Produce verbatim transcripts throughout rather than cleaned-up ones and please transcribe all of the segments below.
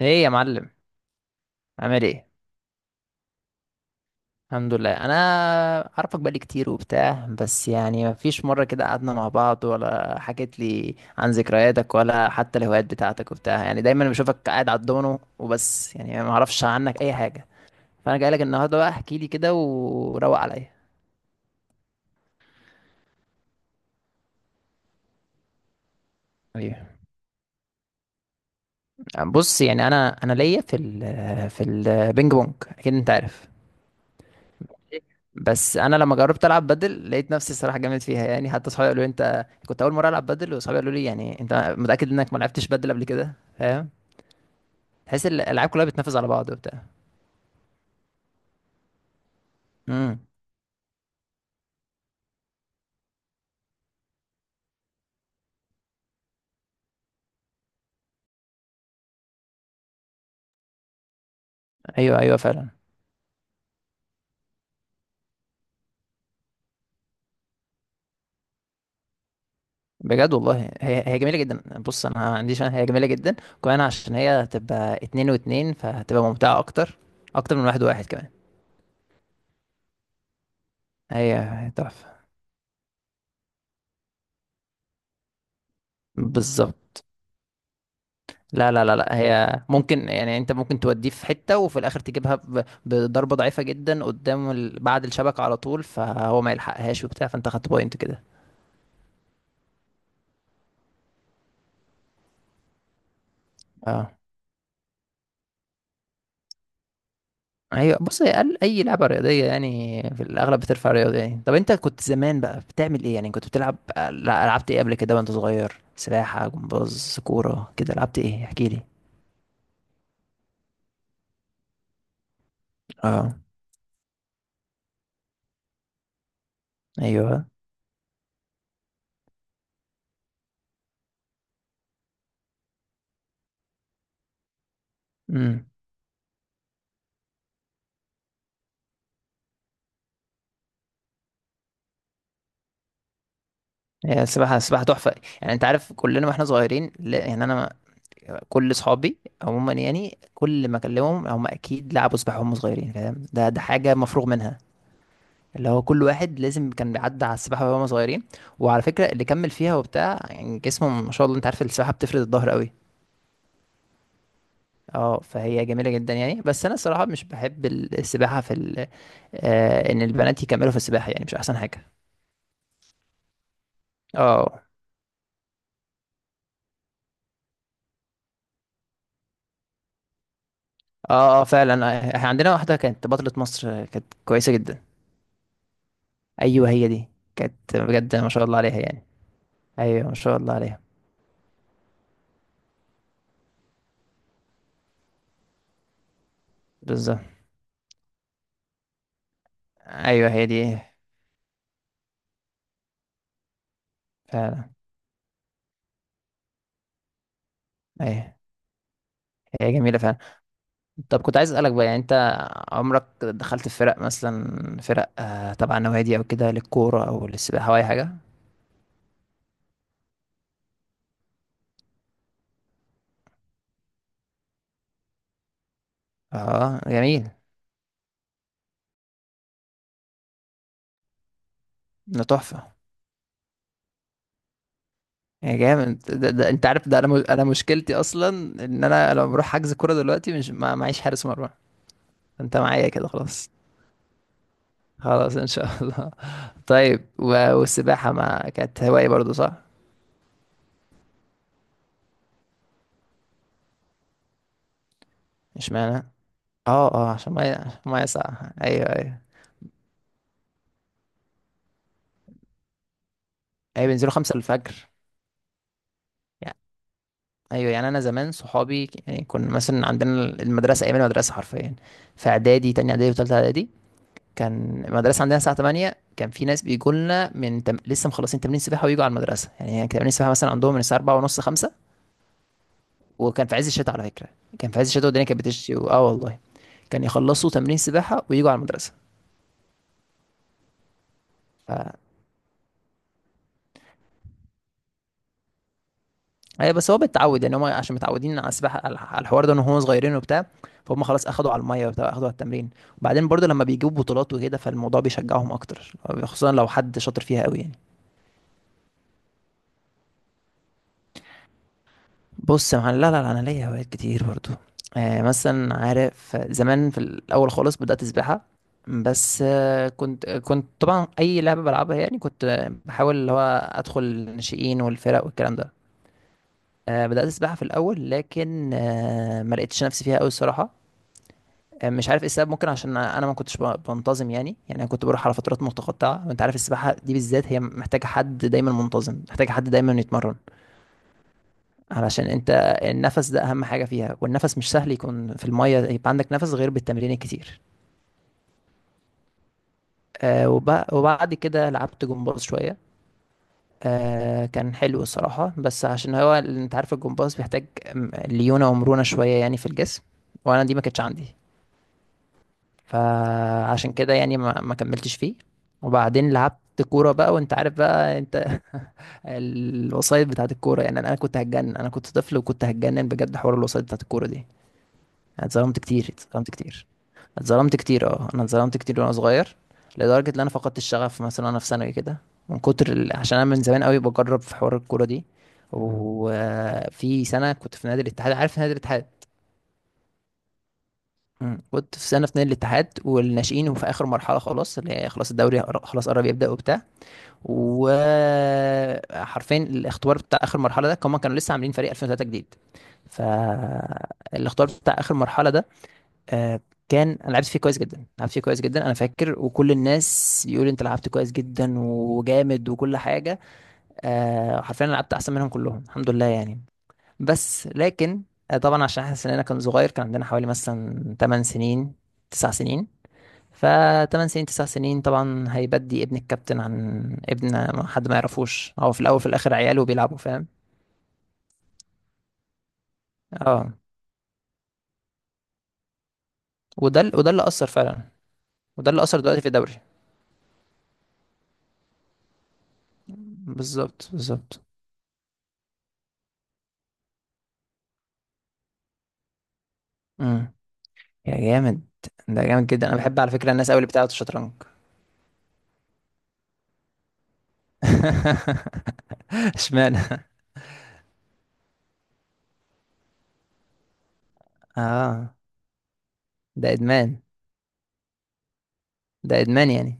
ايه يا معلم، عامل ايه؟ الحمد لله. انا عارفك بقالي كتير وبتاع، بس يعني مفيش مره كده قعدنا مع بعض ولا حكيت لي عن ذكرياتك ولا حتى الهوايات بتاعتك وبتاع، يعني دايما بشوفك قاعد على الدومينو وبس، يعني ما اعرفش عنك اي حاجه. فانا جاي لك النهارده بقى، احكي لي كده وروق عليا. ايوه، بص يعني انا انا ليا في ال في البينج بونج، اكيد انت عارف. بس انا لما جربت العب بدل لقيت نفسي الصراحه جامد فيها، يعني حتى صحابي قالوا لي انت كنت اول مره العب بدل، وصحابي قالوا لي يعني انت متاكد انك ما لعبتش بدل قبل كده؟ فاهم؟ تحس الالعاب كلها بتنافس على بعض وبتاع. امم ايوه ايوه فعلا. بجد والله هي هي جميله جدا، بص انا ما عنديش، هي جميله جدا كمان عشان هي هتبقى اتنين واتنين فهتبقى ممتعه اكتر، اكتر من واحد وواحد كمان. هي تحفه، بالظبط. لا لا لا لا، هي ممكن، يعني انت ممكن توديه في حتة وفي الاخر تجيبها ب- بضربة ضعيفة جدا قدام ال... بعد الشبكة على طول، فهو ما يلحقهاش وبتاع، فانت خدت بوينت كده. اه، ايوه، بص هي ال- اي لعبة رياضية يعني في الاغلب بترفع رياضة. يعني طب انت كنت زمان بقى بتعمل ايه؟ يعني كنت بتلعب، لا، لعبت ايه قبل كده وانت صغير؟ سباحة، جمباز، كورة كده، لعبت ايه؟ احكي لي. اه، ايوه، امم هي السباحة، السباحة تحفة. يعني انت عارف كلنا واحنا صغيرين، لا يعني انا كل صحابي عموما، يعني كل ما اكلمهم هم اكيد لعبوا سباحه وهم صغيرين، فاهم؟ ده ده حاجه مفروغ منها، اللي هو كل واحد لازم كان بيعدي على السباحه وهم صغيرين. وعلى فكره اللي كمل فيها وبتاع يعني جسمه ما شاء الله، انت عارف السباحه بتفرد الظهر قوي. اه، فهي جميله جدا يعني، بس انا الصراحه مش بحب السباحه في ال... آه، ان البنات يكملوا في السباحه، يعني مش احسن حاجه. اه اه، اه فعلا، احنا عندنا واحده كانت بطله مصر، كانت كويسه جدا. ايوه هي دي، كانت بجد ما شاء الله عليها يعني. ايوه ما شاء الله عليها، بالظبط. ايوه هي دي، فعلا. ايوه هي جميله فعلا. طب كنت عايز اسالك بقى، يعني انت عمرك دخلت في فرق مثلا، فرق آه تبع نوادي او كده، للكوره او للسباحه او اي حاجه؟ اه جميل، ده تحفه. يا جامد ده, ده انت عارف، ده انا مش- انا مشكلتي اصلا ان انا لما بروح حجز كوره دلوقتي مش، ما معيش حارس مرمى. انت معايا كده خلاص، خلاص ان شاء الله. طيب و- والسباحه ما كانت هوايه برضو صح؟ مش معنى، اه اه عشان ميه، عشان ميه ساقعه، ايوه ايوه. اي بينزلوا خمسة الفجر يعني. ايوه يعني انا زمان صحابي ك- يعني كنا مثلا عندنا المدرسه، ايام المدرسه حرفيا في اعدادي، تاني اعدادي وتالتة اعدادي، كان المدرسه عندنا الساعه تمانية، كان في ناس بيجوا لنا من تم... لسه مخلصين تمرين سباحه ويجوا على المدرسه، يعني كان تمرين سباحه مثلا عندهم من الساعه اربعة ونص خمسة، وكان في عز الشتاء على فكره. كان في عز الشتاء والدنيا كانت بتشتي و... اه والله. كان يخلصوا تمرين سباحه ويجوا على المدرسه. اي بس هو بيتعود يعني، هم عشان متعودين على السباحه، على على الحوار ده، ان هم صغيرين وبتاع، فهم خلاص اخدوا على الميه وبتاع، اخدوا على التمرين. وبعدين برضو لما بيجيبوا بطولات وكده، فالموضوع بيشجعهم اكتر، خصوصا لو حد شاطر فيها قوي يعني. بص يا معلم، لا لا لا، انا ليا هوايات كتير برضو. آه مثلا عارف، زمان في الاول خالص بدات سباحه، بس آه كنت، آه، كنت طبعا اي لعبه بلعبها، يعني كنت، آه، بحاول اللي هو ادخل الناشئين والفرق والكلام ده. آه بدات سباحه في الاول لكن آه ما لقيتش نفسي فيها قوي الصراحه، مش عارف ايه السبب. ممكن عشان انا ما كنتش ب- بنتظم، يعني يعني انا كنت بروح على فترات متقطعه، وانت عارف السباحه دي بالذات هي محتاجه حد دايما منتظم، محتاجه حد دايما يتمرن، علشان انت النفس ده اهم حاجه فيها، والنفس مش سهل يكون في الميه يبقى عندك نفس غير بالتمرين الكتير. آه، وب- وبعد كده لعبت جمباز شويه، آه، كان حلو الصراحه، بس عشان هو انت عارف الجمباز بيحتاج م- ليونه ومرونه شويه يعني في الجسم، وانا دي ما كانتش عندي، فعشان كده يعني ما, ما كملتش فيه. وبعدين لعبت كورة بقى، وانت عارف بقى انت الوسايط بتاعت الكورة، يعني انا أنا كنت هتجنن، انا كنت طفل وكنت هتجنن بجد حوار الوسايط بتاعت الكورة دي. أنا اتظلمت كتير، اتظلمت كتير، اتظلمت كتير اه، انا اتظلمت كتير وانا صغير، لدرجة ان انا فقدت الشغف مثلا وانا في ثانوي كده، من كتر ال... عشان انا من زمان قوي بجرب في حوار الكورة دي. وفي سنة كنت في نادي الاتحاد، عارف نادي الاتحاد؟ مم. كنت في سنه اتنين الاتحاد والناشئين، وفي اخر مرحله خلاص، اللي هي خلاص الدوري قر- خلاص قرب يبدا وبتاع، وحرفيا الاختبار بتاع اخر مرحله ده كمان، كانوا لسه عاملين فريق الفين وثلاثة جديد. فالاختبار بتاع اخر مرحله ده، آه، كان انا لعبت فيه كويس جدا، لعبت فيه كويس جدا انا فاكر، وكل الناس يقول انت لعبت كويس جدا وجامد وكل حاجه. آه، حرفيا أنا لعبت احسن منهم كلهم الحمد لله يعني. بس لكن، آه، طبعا عشان احنا سننا كان صغير، كان عندنا حوالي مثلا تمانية سنين تسع سنين، ف تمانية سنين تسعة سنين، طبعا هيبدي ابن الكابتن عن ابن، ما حد ما يعرفوش هو، في الاول في الاخر عياله بيلعبوا، فاهم؟ اه. وده ال- وده اللي اثر فعلا، وده اللي اثر دلوقتي في الدوري. بالظبط بالظبط. امم يا جامد، ده جامد جدا. انا بحب على فكره الناس قوي اللي بتلعب الشطرنج. اشمعنى؟ اه. ده ادمان، ده ادمان يعني.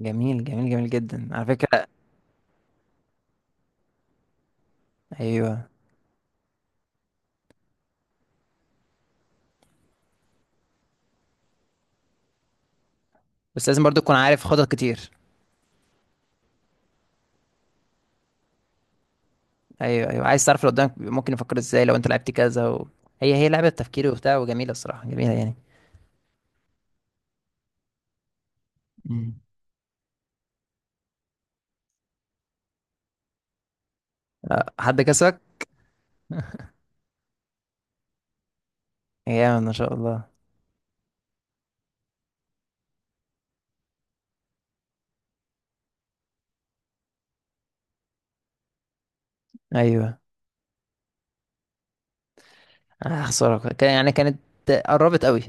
جميل جميل جميل جدا على فكرة. ايوه، بس لازم برضو تكون عارف خطط كتير. ايوه ايوه، عايز تعرف اللي قدامك ممكن يفكر ازاي لو انت لعبت كذا و... هي هي لعبه تفكيري وبتاع، وجميله الصراحه، جميله يعني. مم. أه، حد كسبك؟ جامد ما شاء الله. ايوه، آه، خساره، كان يعني، كانت قربت قوي.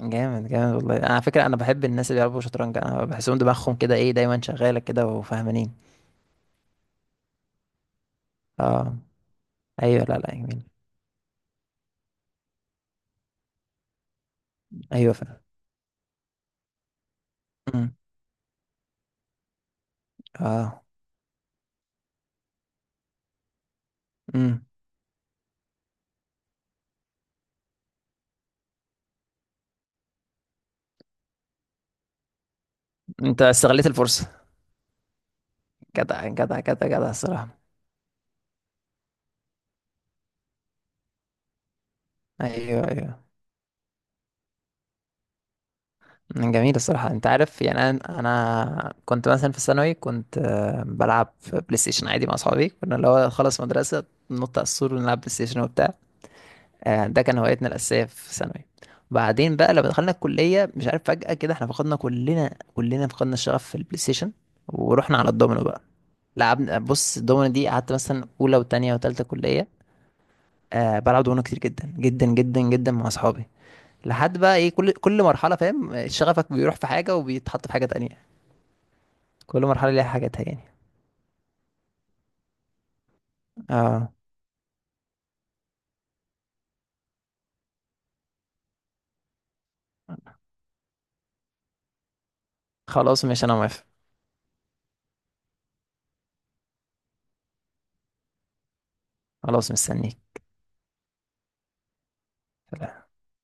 جامد جامد والله، على فكره انا بحب الناس اللي بيلعبوا شطرنج، انا بحسهم دماغهم كده ايه، دايما شغاله كده وفاهمانين. اه، ايوه، لا لا جميل. ايوه فعلا. أمم، اه. امم انت استغليت الفرصه. جدع جدع جدع جدع الصراحه. ايوه ايوه. جميل الصراحة. انت عارف يعني، انا انا كنت مثلا في الثانوي كنت، آه، بلعب في بلاي ستيشن عادي مع اصحابي، كنا اللي هو خلص مدرسة ننط على السور ونلعب بلاي ستيشن وبتاع. آه، ده كان هوايتنا الأساسية في الثانوي. بعدين بقى لما دخلنا الكلية، مش عارف فجأة كده احنا فقدنا كلنا، كلنا فقدنا الشغف في البلاي ستيشن ورحنا على الدومينو بقى. لعبنا، بص الدومينو دي قعدت مثلا أولى وتانية وتالتة كلية، آه، بلعب دومينو كتير جدا جدا جدا جدا مع اصحابي. لحد بقى ايه، كل كل مرحله، فاهم شغفك بيروح في حاجه وبيتحط في حاجه تانية، كل مرحلة ليها حاجاتها يعني. اه، خلاص ماشي انا موافق. خلاص مستنيك.